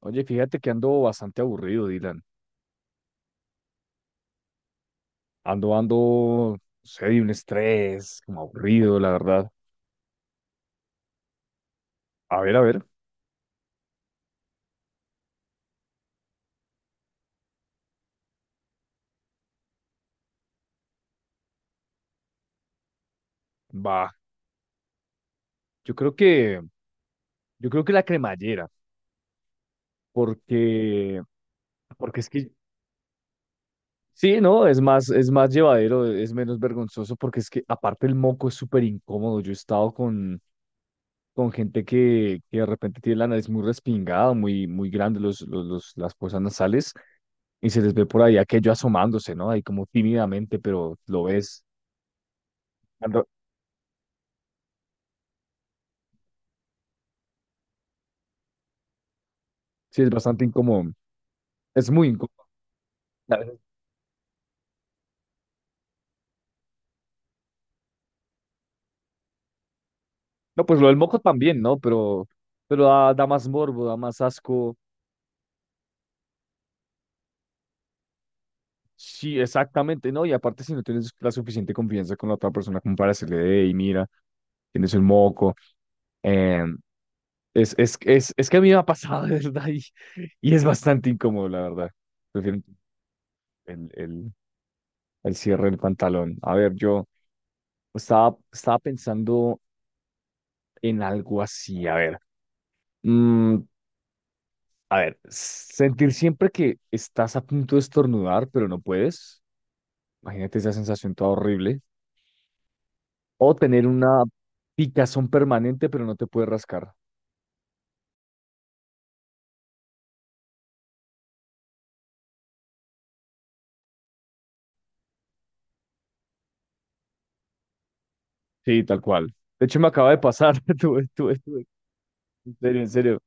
Oye, fíjate que ando bastante aburrido, Dylan. Ando, no sé, de un estrés, como aburrido, la verdad. A ver, va. Yo creo que, yo creo que la cremallera, porque, porque es que, sí, no, es más llevadero, es menos vergonzoso, porque es que aparte el moco es súper incómodo. Yo he estado con gente que de repente tiene la nariz muy respingada, muy grande, las fosas nasales, y se les ve por ahí aquello asomándose, ¿no? Ahí como tímidamente, pero lo ves. Sí, es bastante incómodo. Es muy incómodo. A veces- No, pues lo del moco también, ¿no? Pero, da más morbo, da más asco. Sí, exactamente, ¿no? Y aparte, si no tienes la suficiente confianza con la otra persona como para decirle, hey, mira, tienes un moco. eh, es que a mí me ha pasado, de verdad, y es bastante incómodo, la verdad. Prefiero el, el, el cierre del pantalón. A ver, yo estaba pensando en algo así, a ver. Mm, A ver, sentir siempre que estás a punto de estornudar, pero no puedes. Imagínate esa sensación toda horrible. O tener una picazón permanente, pero no te puedes rascar. Sí, tal cual. De hecho, me acaba de pasar. Tuve. En serio, en serio.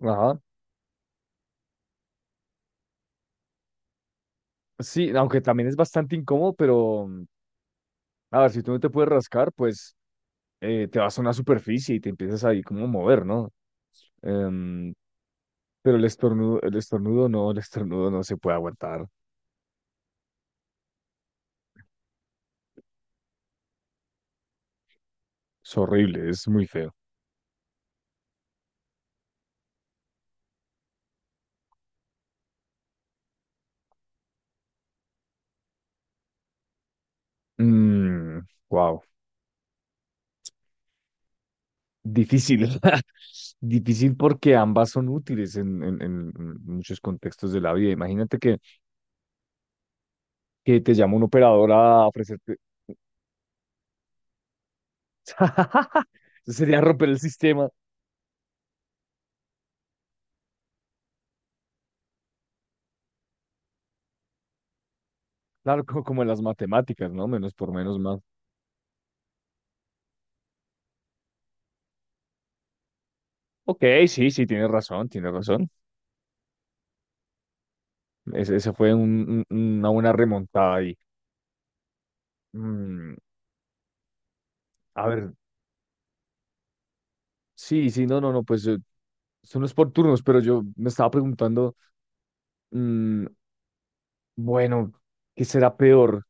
Ajá. Sí, aunque también es bastante incómodo, pero a ver, si tú no te puedes rascar, pues te vas a una superficie y te empiezas ahí como a mover, ¿no? Em, pero el estornudo, el estornudo no se puede aguantar. Es horrible, es muy feo. Wow. Difícil. Difícil porque ambas son útiles en muchos contextos de la vida. Imagínate que te llama un operador a ofrecerte. Eso sería romper el sistema. Claro, como, en las matemáticas, ¿no? Menos por menos más. Ok, sí, sí, tienes razón, tienes razón. Esa fue una buena remontada ahí. Mm, a ver, sí, sí, no, no, no, pues son los por turnos, pero yo me estaba preguntando. mm, Bueno, ¿qué será peor?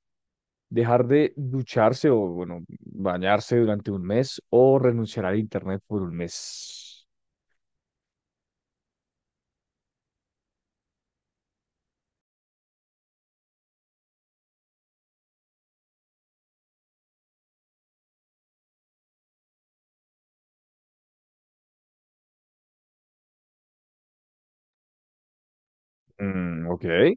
¿Dejar de ducharse o, bueno, bañarse durante un mes o renunciar al internet por un mes? Ok.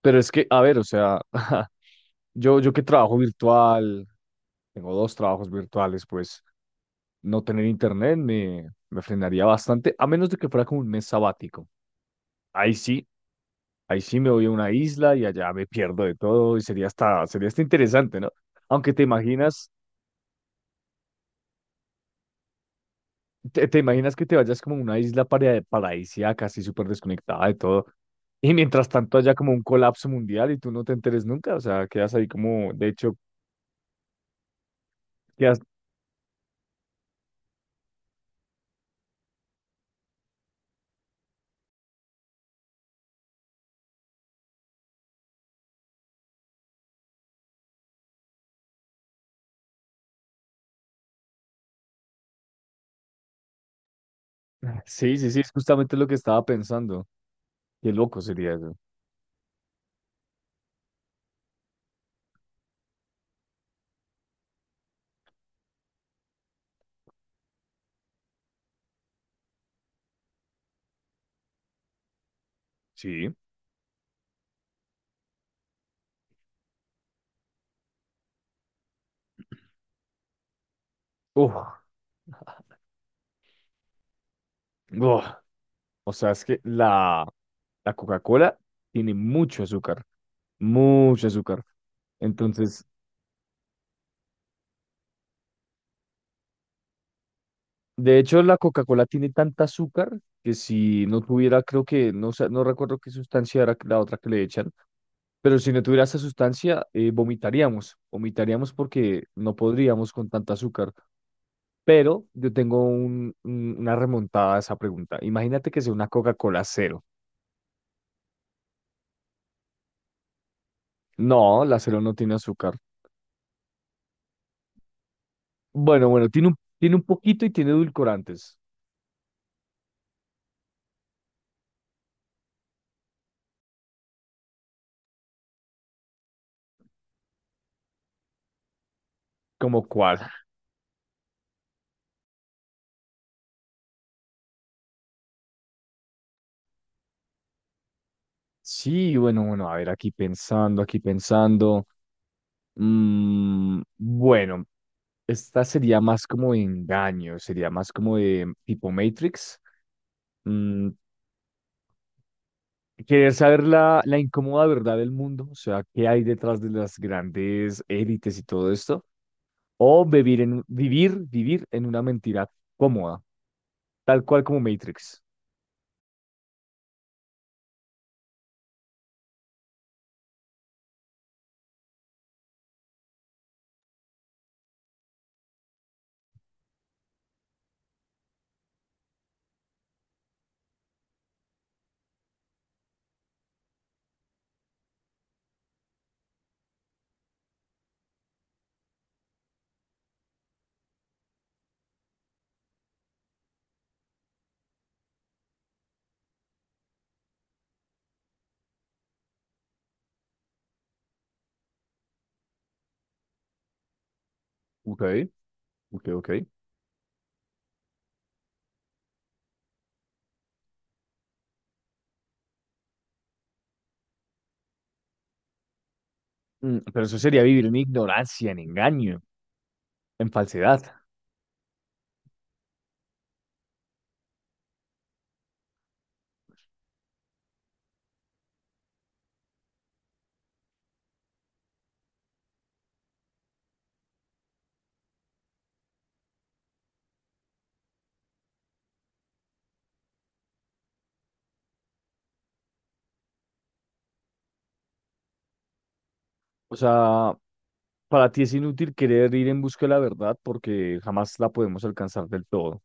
pero es que, a ver, o sea, yo que trabajo virtual, tengo dos trabajos virtuales, pues no tener internet me frenaría bastante, a menos de que fuera como un mes sabático. Ahí sí, ahí sí me voy a una isla y allá me pierdo de todo y sería hasta interesante, ¿no? Aunque te imaginas te imaginas que te vayas como a una isla paradisíaca, así súper desconectada de todo, y mientras tanto haya como un colapso mundial y tú no te enteres nunca, o sea, quedas ahí como, de hecho, quedas... Sí, sí, sí, es justamente lo que estaba pensando. Qué loco sería eso. Sí. Uf. Uf. O sea, es que la Coca-Cola tiene mucho azúcar, mucho azúcar. Entonces, de hecho, la Coca-Cola tiene tanta azúcar que si no tuviera, creo que, no, sé, no recuerdo qué sustancia era la otra que le echan. Pero si no tuviera esa sustancia, vomitaríamos, vomitaríamos porque no podríamos con tanto azúcar. Pero yo tengo una remontada a esa pregunta. Imagínate que sea una Coca-Cola cero. No, la cero no tiene azúcar. Bueno, bueno, tiene tiene un poquito y tiene edulcorantes. ¿Como cuál? Sí, bueno, bueno, a ver, aquí pensando, aquí pensando. Bueno, esta sería más como de engaño, sería más como de tipo Matrix. Mm, Querer saber la incómoda verdad del mundo, o sea, qué hay detrás de las grandes élites y todo esto, o vivir vivir en una mentira cómoda, tal cual como Matrix. Ok, ok, ok. Pero eso sería vivir en ignorancia, en engaño, en falsedad. O sea, para ti es inútil querer ir en busca de la verdad porque jamás la podemos alcanzar del todo.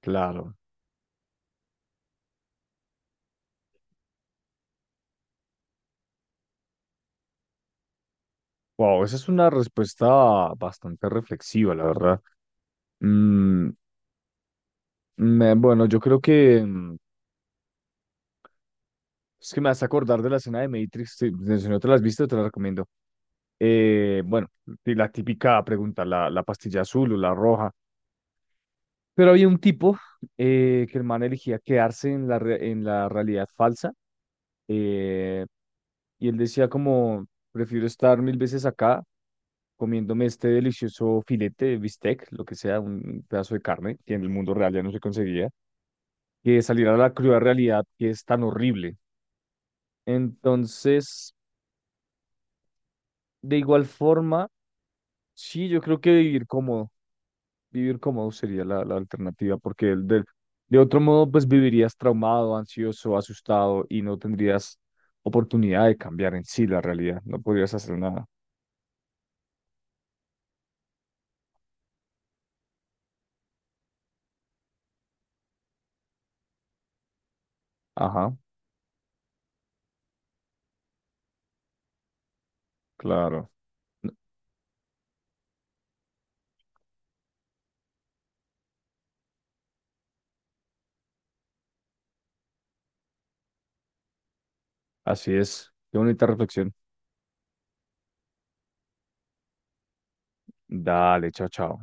Claro. Wow, esa es una respuesta bastante reflexiva, la verdad. Mm, bueno, yo creo que es que me vas a acordar de la escena de Matrix. Sí, pues, si no te la has visto, te la recomiendo. Bueno, y la típica pregunta, la pastilla azul o la roja. Pero había un tipo que el man elegía quedarse en en la realidad falsa. eh, y él decía como, prefiero estar mil veces acá comiéndome este delicioso filete de bistec, lo que sea, un pedazo de carne que en el mundo real ya no se conseguía, que salir a la cruda realidad que es tan horrible. Entonces, de igual forma, sí, yo creo que vivir cómodo sería la alternativa, porque de otro modo, pues vivirías traumado, ansioso, asustado y no tendrías oportunidad de cambiar en sí la realidad, no podrías hacer nada. Ajá, claro, así es. Qué bonita reflexión. Dale, chao, chao.